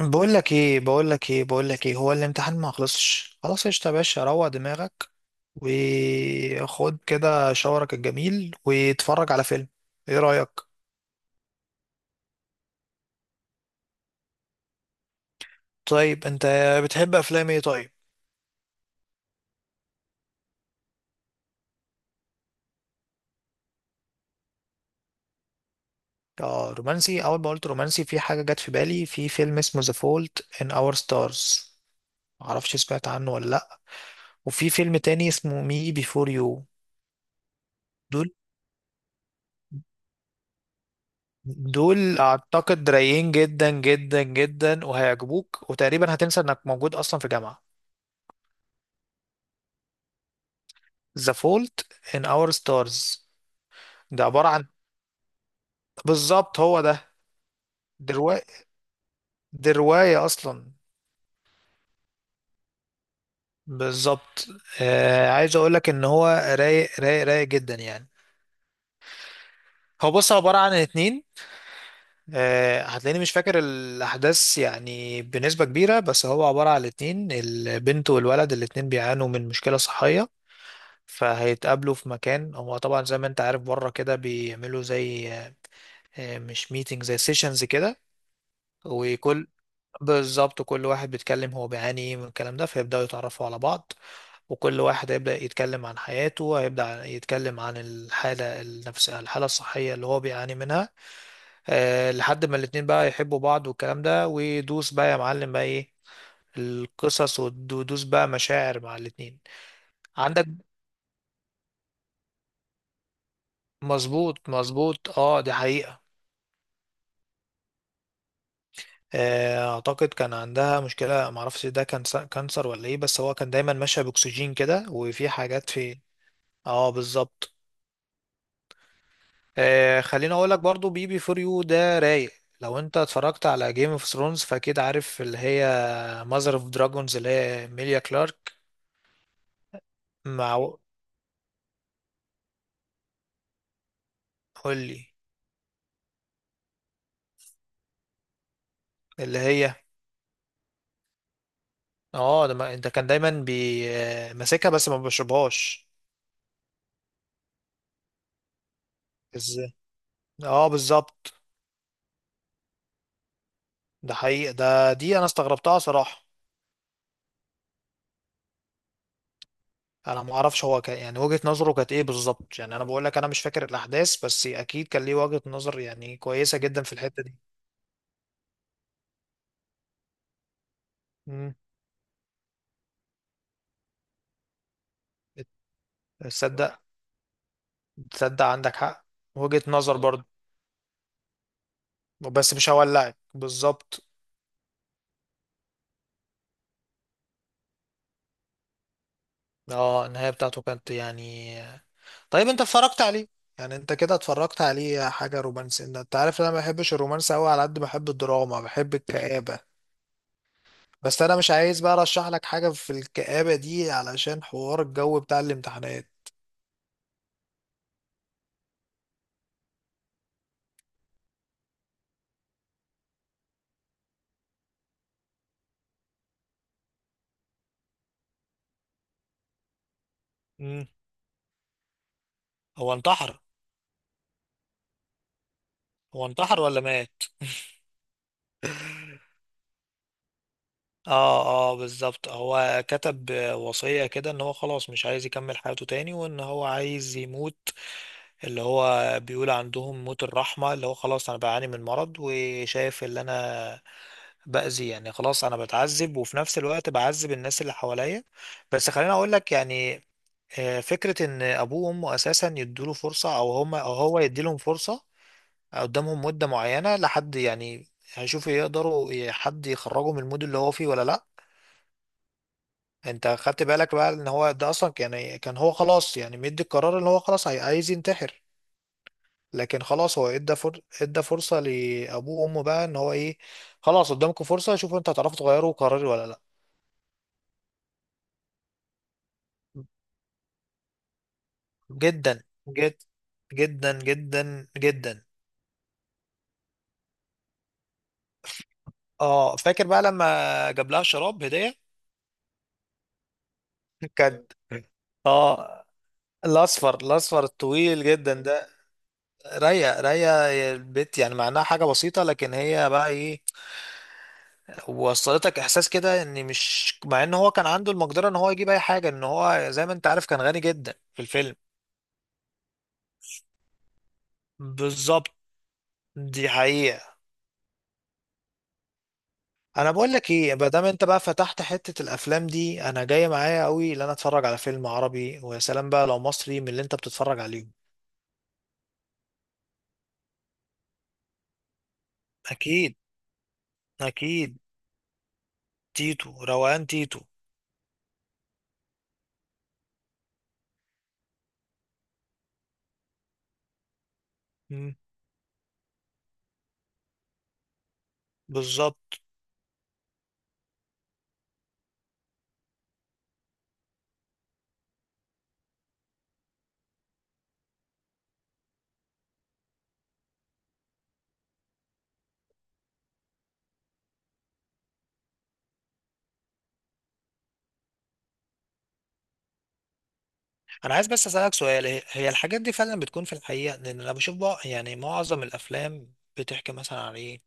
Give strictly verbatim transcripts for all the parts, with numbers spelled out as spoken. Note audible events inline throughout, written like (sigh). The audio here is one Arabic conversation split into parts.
بقول لك ايه بقول لك ايه بقول لك ايه هو الامتحان ما خلصش. خلاص قشطة يا باشا، روق دماغك وخد كده شاورك الجميل واتفرج على فيلم. ايه رأيك؟ طيب انت بتحب افلام ايه؟ طيب اه رومانسي. اول ما قلت رومانسي في حاجة جت في بالي، في فيلم اسمه The Fault in Our Stars. معرفش سمعت عنه ولا لا. وفي فيلم تاني اسمه مي بيفور يو. دول دول اعتقد رايقين جدا جدا جدا، وهيعجبوك وتقريبا هتنسى انك موجود اصلا في جامعة. ذا فولت ان اور ستارز. ده عبارة عن، بالظبط هو ده. دي رواية دي رواية أصلا. بالظبط. آه عايز أقول لك إن هو رايق رايق رايق جدا يعني. هو بص عبارة عن اتنين. آه هتلاقيني مش فاكر الأحداث يعني بنسبة كبيرة، بس هو عبارة عن اتنين، البنت والولد، الاتنين بيعانوا من مشكلة صحية. فهيتقابلوا في مكان. هو طبعا زي ما انت عارف بره كده بيعملوا زي آه، مش ميتنج، زي سيشنز كده. وكل، بالظبط كل واحد بيتكلم هو بيعاني ايه من الكلام ده، فيبداوا يتعرفوا على بعض. وكل واحد هيبدا يتكلم عن حياته، هيبدا يتكلم عن الحاله النفسيه، الحاله الصحيه اللي هو بيعاني منها. أه لحد ما الاتنين بقى يحبوا بعض والكلام ده، ويدوس بقى يا معلم بقى ايه القصص، ودوس بقى مشاعر مع الاتنين. عندك. مظبوط مظبوط، اه دي حقيقة. آه، اعتقد كان عندها مشكلة. معرفش ده كان س- كانسر ولا ايه، بس هو كان دايما ماشية باكسجين كده وفي حاجات في. اه بالظبط. آه خليني اقول لك برضو بي بي فور يو ده رايق. لو انت اتفرجت على جيم اوف ثرونز، فاكيد عارف اللي هي ماذر اوف دراجونز، اللي هي ميليا كلارك. مع. قول لي. اللي هي. اه ده ما- انت كان دايما بي آه، ماسكها بس ما بشربهاش. ازاي. اه بالظبط. ده حقيقي، ده دي انا استغربتها صراحة. انا ما اعرفش هو كان يعني وجهة نظره كانت ايه بالظبط. يعني انا بقول لك انا مش فاكر الاحداث، بس اكيد كان ليه وجهة نظر يعني كويسة جدا في الحتة دي. مم. تصدق تصدق عندك حق. وجهة نظر برضه. بس مش هولعك بالظبط. اه النهاية بتاعته كانت يعني. طيب انت اتفرجت عليه؟ يعني انت كده اتفرجت عليه حاجة رومانسية. انت عارف ان انا ما بحبش الرومانس قوي على قد ما بحب الدراما، بحب الكآبة. بس انا مش عايز بقى ارشح لك حاجة في الكآبة دي علشان حوار الجو بتاع الامتحانات. مم. هو انتحر. هو انتحر ولا مات؟ اه. اه بالظبط. هو كتب وصية كده ان هو خلاص مش عايز يكمل حياته تاني وان هو عايز يموت. اللي هو بيقول عندهم موت الرحمة، اللي هو خلاص انا بعاني من مرض وشايف اللي انا بأذي، يعني خلاص انا بتعذب وفي نفس الوقت بعذب الناس اللي حواليا. بس خليني اقول لك يعني آه، فكرة ان ابوه وامه اساسا يدوله فرصة، او هما او هو يديلهم فرصة، قدامهم مدة معينة لحد يعني هيشوفوا يقدروا حد يخرجه من المود اللي هو فيه ولا لا. انت خدت بالك بقى ان هو ده اصلا يعني كان هو خلاص، يعني مدي القرار ان هو خلاص عاي- عايز ينتحر. لكن خلاص هو ادى فر... ادى فرصة لابوه وامه بقى ان هو ايه، خلاص قدامكم فرصة شوفوا انتوا هتعرفوا تغيروا قراري ولا لا. جدا جد جدا جدا جدا. اه فاكر بقى لما جاب لها شراب هدية. (laughs) كان. اه الاصفر الاصفر الطويل جدا ده. رايقه رايقه. البت يعني معناها حاجه بسيطه، لكن هي بقى ايه، وصلتك احساس كده ان، مش مع ان هو كان عنده المقدره ان هو يجيب اي حاجه، ان هو زي ما انت عارف كان غني جدا في الفيلم. بالظبط. دي حقيقه. انا بقول لك ايه، ما دام انت بقى فتحت حته الافلام دي، انا جاي معايا قوي ان انا اتفرج على فيلم عربي، ويا سلام بقى لو مصري من اللي انت بتتفرج عليهم. اكيد. اكيد. تيتو روقان تيتو. مم، بالظبط. انا عايز بس اسالك سؤال، هي هي الحاجات دي فعلا بتكون في الحقيقه؟ لان انا بشوف بقى يعني معظم الافلام بتحكي مثلا على ايه،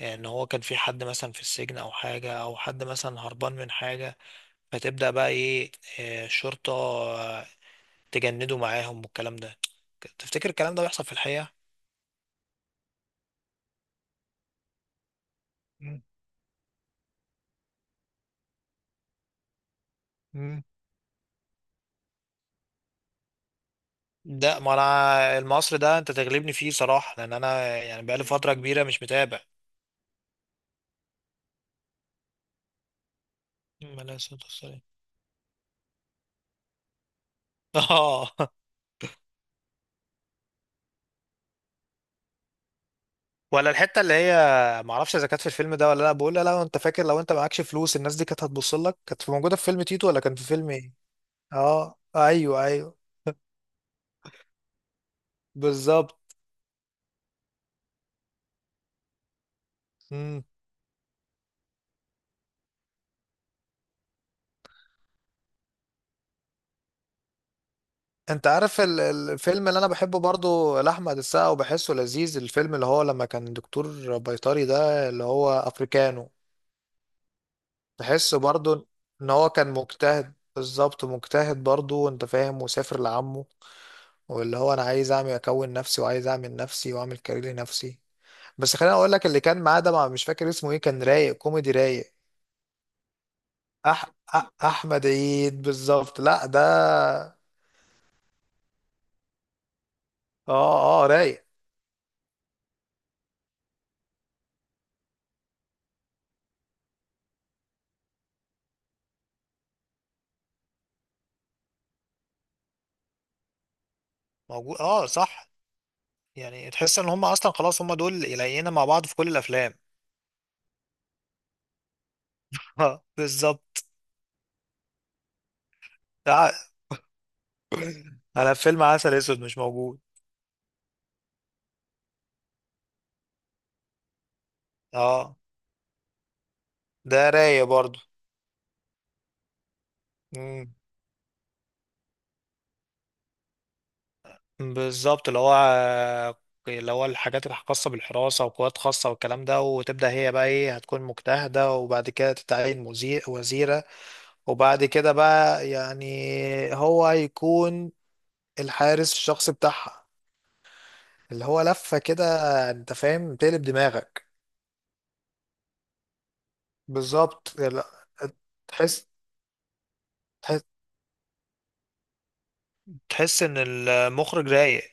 ان هو كان في حد مثلا في السجن او حاجة، او حد مثلا هربان من حاجة، فتبدأ بقى ايه آه، الشرطة آه، تجنده معاهم والكلام ده. تفتكر الكلام ده بيحصل في الحقيقة؟ مم. مم. ده ما انا المصري ده انت تغلبني فيه صراحة، لان انا يعني بقالي فترة كبيرة مش متابع. عليه الصلاة والسلام. (laughs) اه. ولا الحتة اللي هي، معرفش اذا كانت في الفيلم ده ولا لا، بقول لا لو انت فاكر، لو انت معكش فلوس الناس دي كانت هتبص لك، كانت في- موجودة في فيلم تيتو ولا كان في فيلم ايه. اه ايوه ايوه. بالظبط. مم. انت عارف ال- الفيلم اللي انا بحبه برضو لاحمد السقا وبحسه لذيذ، الفيلم اللي هو لما كان دكتور بيطري ده، اللي هو افريكانو. بحسه برضو ان هو كان مجتهد، بالظبط مجتهد برضو انت فاهم، وسافر لعمه، واللي هو انا عايز اعمل اكون نفسي وعايز اعمل نفسي واعمل كارير لنفسي. بس خليني اقول لك، اللي كان معاه ده ما- مش فاكر اسمه ايه، كان رايق كوميدي رايق. أح... أح... احمد عيد بالظبط. لا ده. اه اه رايق. موجود اه صح. يعني تحس ان هم اصلا خلاص هم دول يلاقينا مع بعض في كل الافلام. (laughs) اه بالظبط. ده على فيلم عسل اسود مش موجود؟ اه ده رايق برضو. مم. بالظبط اللي هو، اللي هو الحاجات الخاصة بالحراسة وقوات خاصة والكلام ده، وتبدأ هي بقى ايه، هتكون مجتهدة وبعد كده تتعين مزي- وزيرة، وبعد كده بقى يعني هو هيكون الحارس الشخصي بتاعها، اللي هو لفة كده انت فاهم، تقلب دماغك. بالظبط يعني. لا، تحس تحس تحس ان المخرج رايق.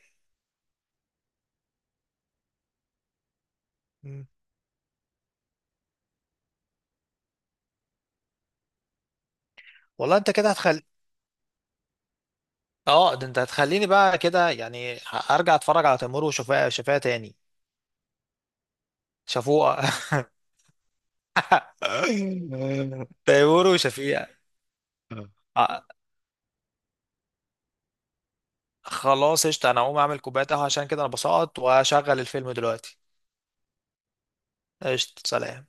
مم. والله انت كده هتخل. اه ده انت هتخليني بقى كده يعني ه- ارجع اتفرج على تيمور وشفيقة. شفيقة تاني. شفوقة. (laughs) تيمور وشفيقة. آه، خلاص قشطة. انا هقوم اعمل كوباية قهوة عشان كده انا بسقط، وهشغل الفيلم دلوقتي. قشطة سلام.